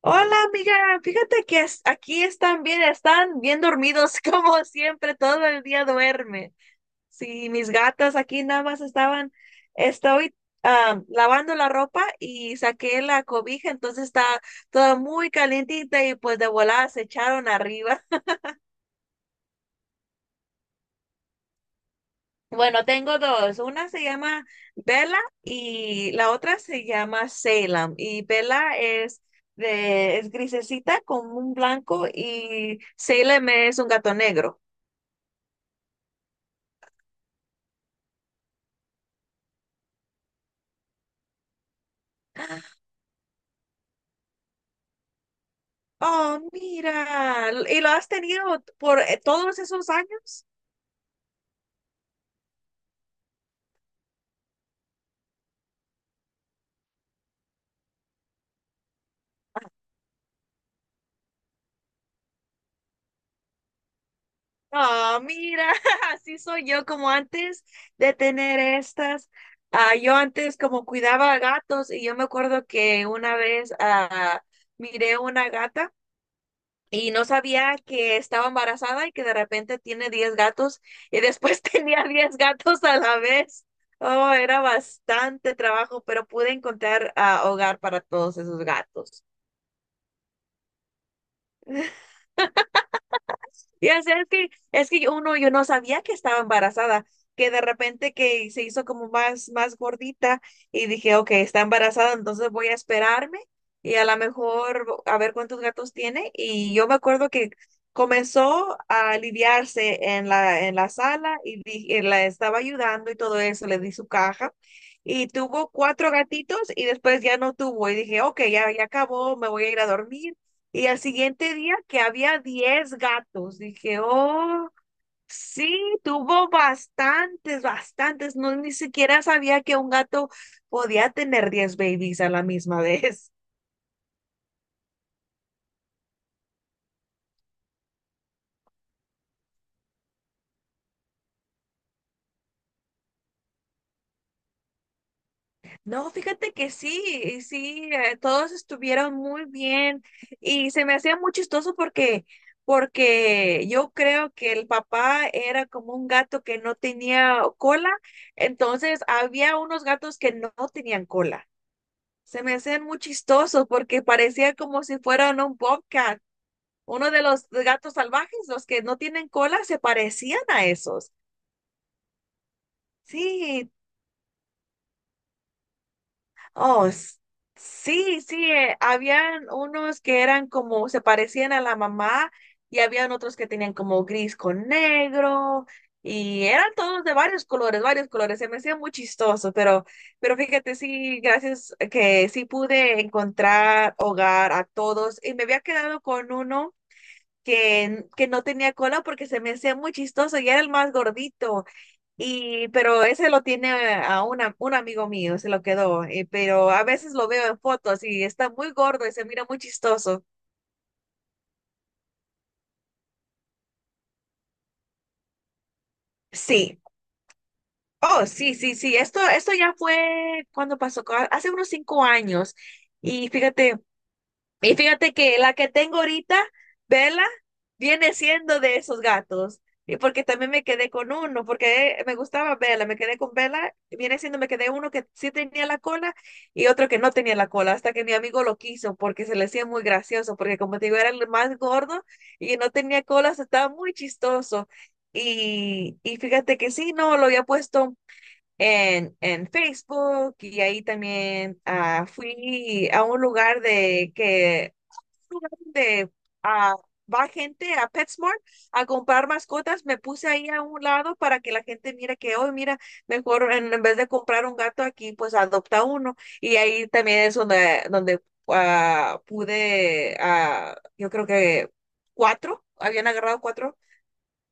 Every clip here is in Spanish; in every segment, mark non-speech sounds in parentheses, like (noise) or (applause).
Hola amiga, fíjate que aquí están bien dormidos (laughs) como siempre, todo el día duermen. Sí, mis gatas aquí nada más estoy lavando la ropa y saqué la cobija, entonces está toda muy calientita y pues de volada se echaron arriba. Bueno, tengo dos. Una se llama Bella y la otra se llama Salem. Y Bella es grisecita con un blanco y Salem es un gato negro. Oh, mira. ¿Y lo has tenido por todos esos años? Ah, mira, (laughs) así soy yo como antes de tener estas. Ah, yo antes como cuidaba gatos y yo me acuerdo que una vez miré una gata. Y no sabía que estaba embarazada y que de repente tiene 10 gatos y después (laughs) tenía 10 gatos a la vez. Oh, era bastante trabajo, pero pude encontrar hogar para todos esos gatos. Ya sé, es que uno, yo no sabía que estaba embarazada, que de repente que se hizo como más gordita y dije, ok, está embarazada, entonces voy a esperarme y a lo mejor a ver cuántos gatos tiene. Y yo me acuerdo que comenzó a aliviarse en la sala y la estaba ayudando y todo eso, le di su caja y tuvo cuatro gatitos y después ya no tuvo y dije, ok, ya, ya acabó, me voy a ir a dormir y al siguiente día que había 10 gatos, dije, oh, sí, tuvo bastantes, bastantes. No, ni siquiera sabía que un gato podía tener 10 babies a la misma (laughs) vez. No, fíjate que sí, y sí, todos estuvieron muy bien y se me hacía muy chistoso porque yo creo que el papá era como un gato que no tenía cola, entonces había unos gatos que no tenían cola. Se me hacían muy chistosos porque parecía como si fueran un bobcat. Uno de los gatos salvajes, los que no tienen cola, se parecían a esos. Sí, oh, sí, sí, habían unos que eran como, se parecían a la mamá y habían otros que tenían como gris con negro y eran todos de varios colores, varios colores. Se me hacía muy chistoso, pero fíjate, sí, gracias que sí pude encontrar hogar a todos y me había quedado con uno que no tenía cola porque se me hacía muy chistoso y era el más gordito. Y, pero ese lo tiene un amigo mío, se lo quedó. Pero a veces lo veo en fotos y está muy gordo y se mira muy chistoso. Sí. Oh, sí, sí, sí. Esto ya fue cuando pasó, hace unos 5 años. Y fíjate. Y fíjate que la que tengo ahorita, Vela, viene siendo de esos gatos. Y porque también me quedé con uno, porque me gustaba Vela, me quedé con Vela, viene siendo, me quedé uno que sí tenía la cola y otro que no tenía la cola, hasta que mi amigo lo quiso porque se le hacía muy gracioso, porque como te digo, era el más gordo y no tenía cola, se estaba muy chistoso. Y fíjate que sí, no, lo había puesto en Facebook y ahí también fui a un lugar de que lugar donde ah, va gente a PetSmart a comprar mascotas, me puse ahí a un lado para que la gente mire que hoy, mira, mejor en vez de comprar un gato aquí, pues adopta uno. Y ahí también es donde pude, yo creo que habían agarrado cuatro,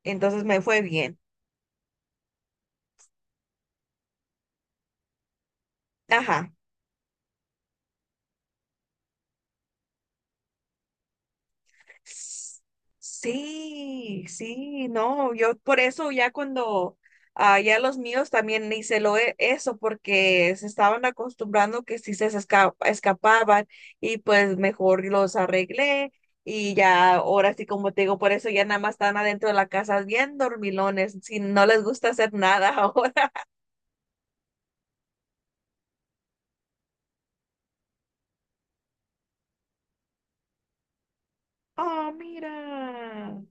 entonces me fue bien. Ajá. S- Sí, sí, no, yo por eso ya cuando ya los míos también hice lo eso porque se estaban acostumbrando que si se escapaban y pues mejor los arreglé y ya ahora sí como te digo, por eso ya nada más están adentro de la casa bien dormilones, si no les gusta hacer nada (laughs) ahora. Oh, mira.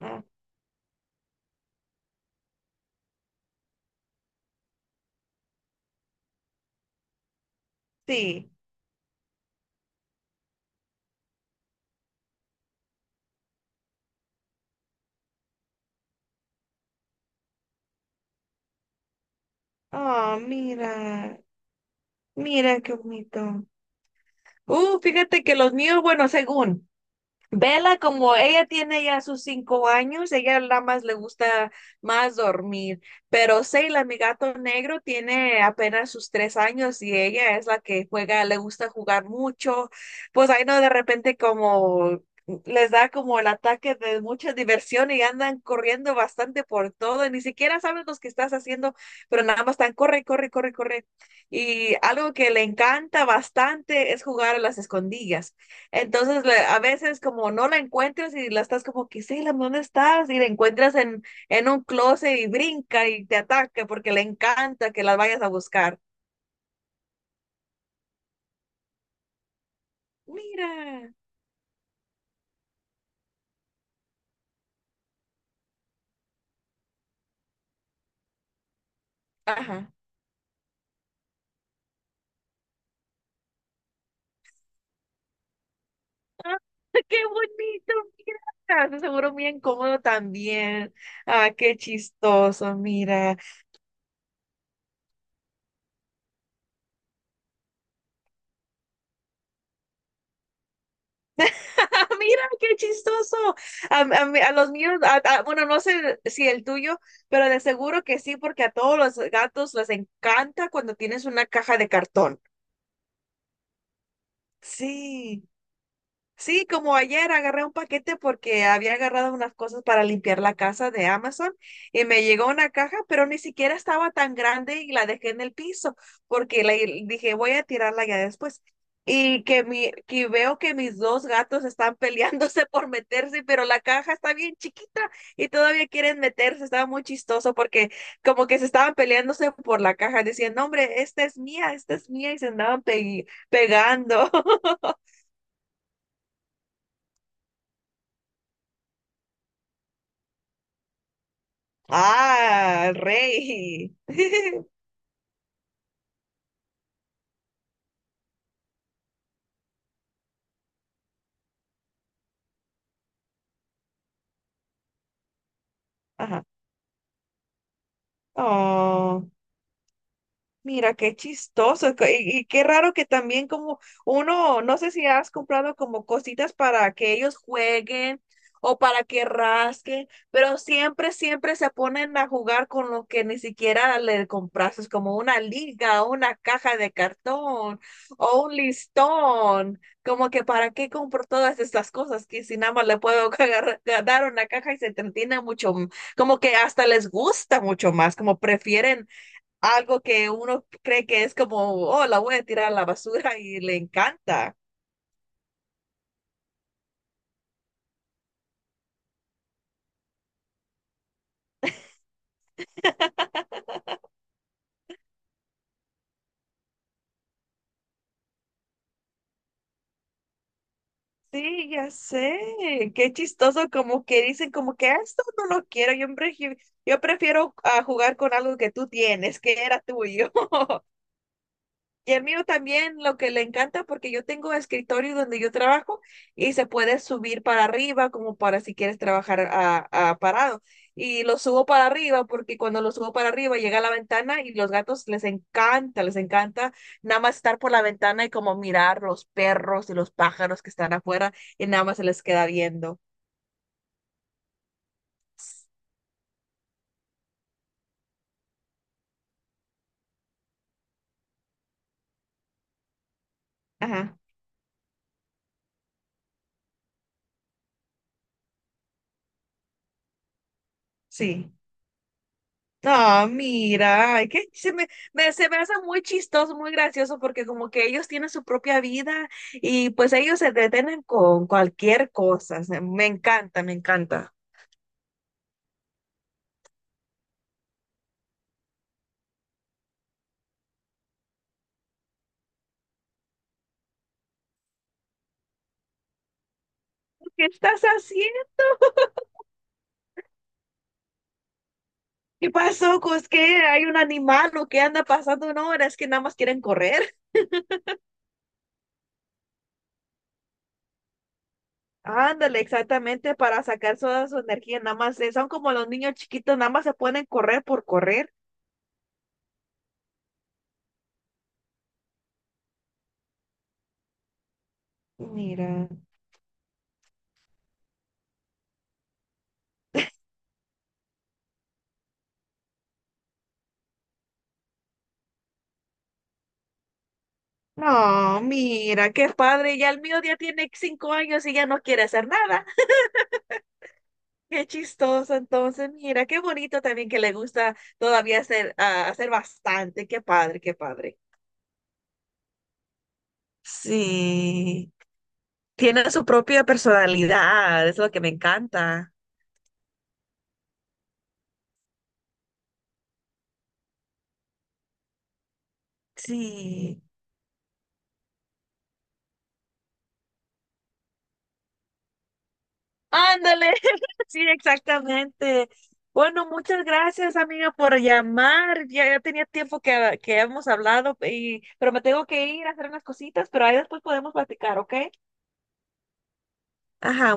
Ah, sí. Oh, mira. Mira qué bonito. Fíjate que los míos, bueno, según, Vela, como ella tiene ya sus 5 años, ella nada más le gusta más dormir. Pero Seila, mi gato negro, tiene apenas sus 3 años y ella es la que juega, le gusta jugar mucho. Pues ahí no, de repente como les da como el ataque de mucha diversión y andan corriendo bastante por todo. Ni siquiera saben los que estás haciendo, pero nada más están corre, corre, corre, corre. Y algo que le encanta bastante es jugar a las escondillas. Entonces, a veces como no la encuentras y la estás como que, sí, ¿dónde estás? Y la encuentras en un closet y brinca y te ataca porque le encanta que las vayas a buscar. Mira, ajá. Ah, (laughs) ¡Qué bonito! Mira, de seguro bien cómodo también. Ah, qué chistoso, mira. (laughs) Mira, qué chistoso. A los míos, bueno, no sé si el tuyo, pero de seguro que sí, porque a todos los gatos les encanta cuando tienes una caja de cartón. Sí, sí, como ayer agarré un paquete porque había agarrado unas cosas para limpiar la casa de Amazon y me llegó una caja, pero ni siquiera estaba tan grande y la dejé en el piso porque dije voy a tirarla ya después. Que veo que mis dos gatos están peleándose (laughs) por meterse, pero la caja está bien chiquita y todavía quieren meterse. Estaba muy chistoso porque como que se estaban peleándose por la caja, decían, no, hombre, esta es mía y se andaban pegando. (laughs) Ah, el rey. (laughs) Ajá. Oh. Mira, qué chistoso y qué raro que también como uno, no sé si has comprado como cositas para que ellos jueguen o para que rasquen, pero siempre, siempre se ponen a jugar con lo que ni siquiera le compraste, como una liga, una caja de cartón o un listón, como que para qué compro todas estas cosas que si nada más le puedo (laughs) dar una caja y se entretiene mucho, como que hasta les gusta mucho más, como prefieren algo que uno cree que es como, oh, la voy a tirar a la basura y le encanta. Sí, ya sé, qué chistoso, como que dicen como que "Ah, esto no lo quiero, yo prefiero jugar con algo que tú tienes, que era tuyo." (laughs) Y el mío también lo que le encanta porque yo tengo escritorio donde yo trabajo y se puede subir para arriba como para si quieres trabajar a parado. Y lo subo para arriba porque cuando lo subo para arriba llega a la ventana y los gatos les encanta nada más estar por la ventana y como mirar los perros y los pájaros que están afuera y nada más se les queda viendo. Ajá, sí. Ah, mira, ay, que se me hace muy chistoso, muy gracioso, porque como que ellos tienen su propia vida y pues ellos se detienen con cualquier cosa. Me encanta, me encanta. ¿Qué estás haciendo? ¿Qué pasó? ¿Cos qué? ¿Hay un animal o qué anda pasando? No, es que nada más quieren correr. Ándale, exactamente, para sacar toda su energía, nada más, son como los niños chiquitos, nada más se pueden correr por correr. Mira. No, mira, qué padre, ya el mío ya tiene 5 años y ya no quiere hacer nada. Qué chistoso, entonces, mira, qué bonito también que le gusta todavía hacer bastante. Qué padre, qué padre. Sí, tiene su propia personalidad, es lo que me encanta. Sí. Ándale, (laughs) sí, exactamente. Bueno, muchas gracias, amiga, por llamar. Ya tenía tiempo que hemos hablado, pero me tengo que ir a hacer unas cositas, pero ahí después podemos platicar, ¿ok? Ajá,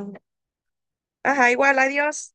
ajá, igual, adiós.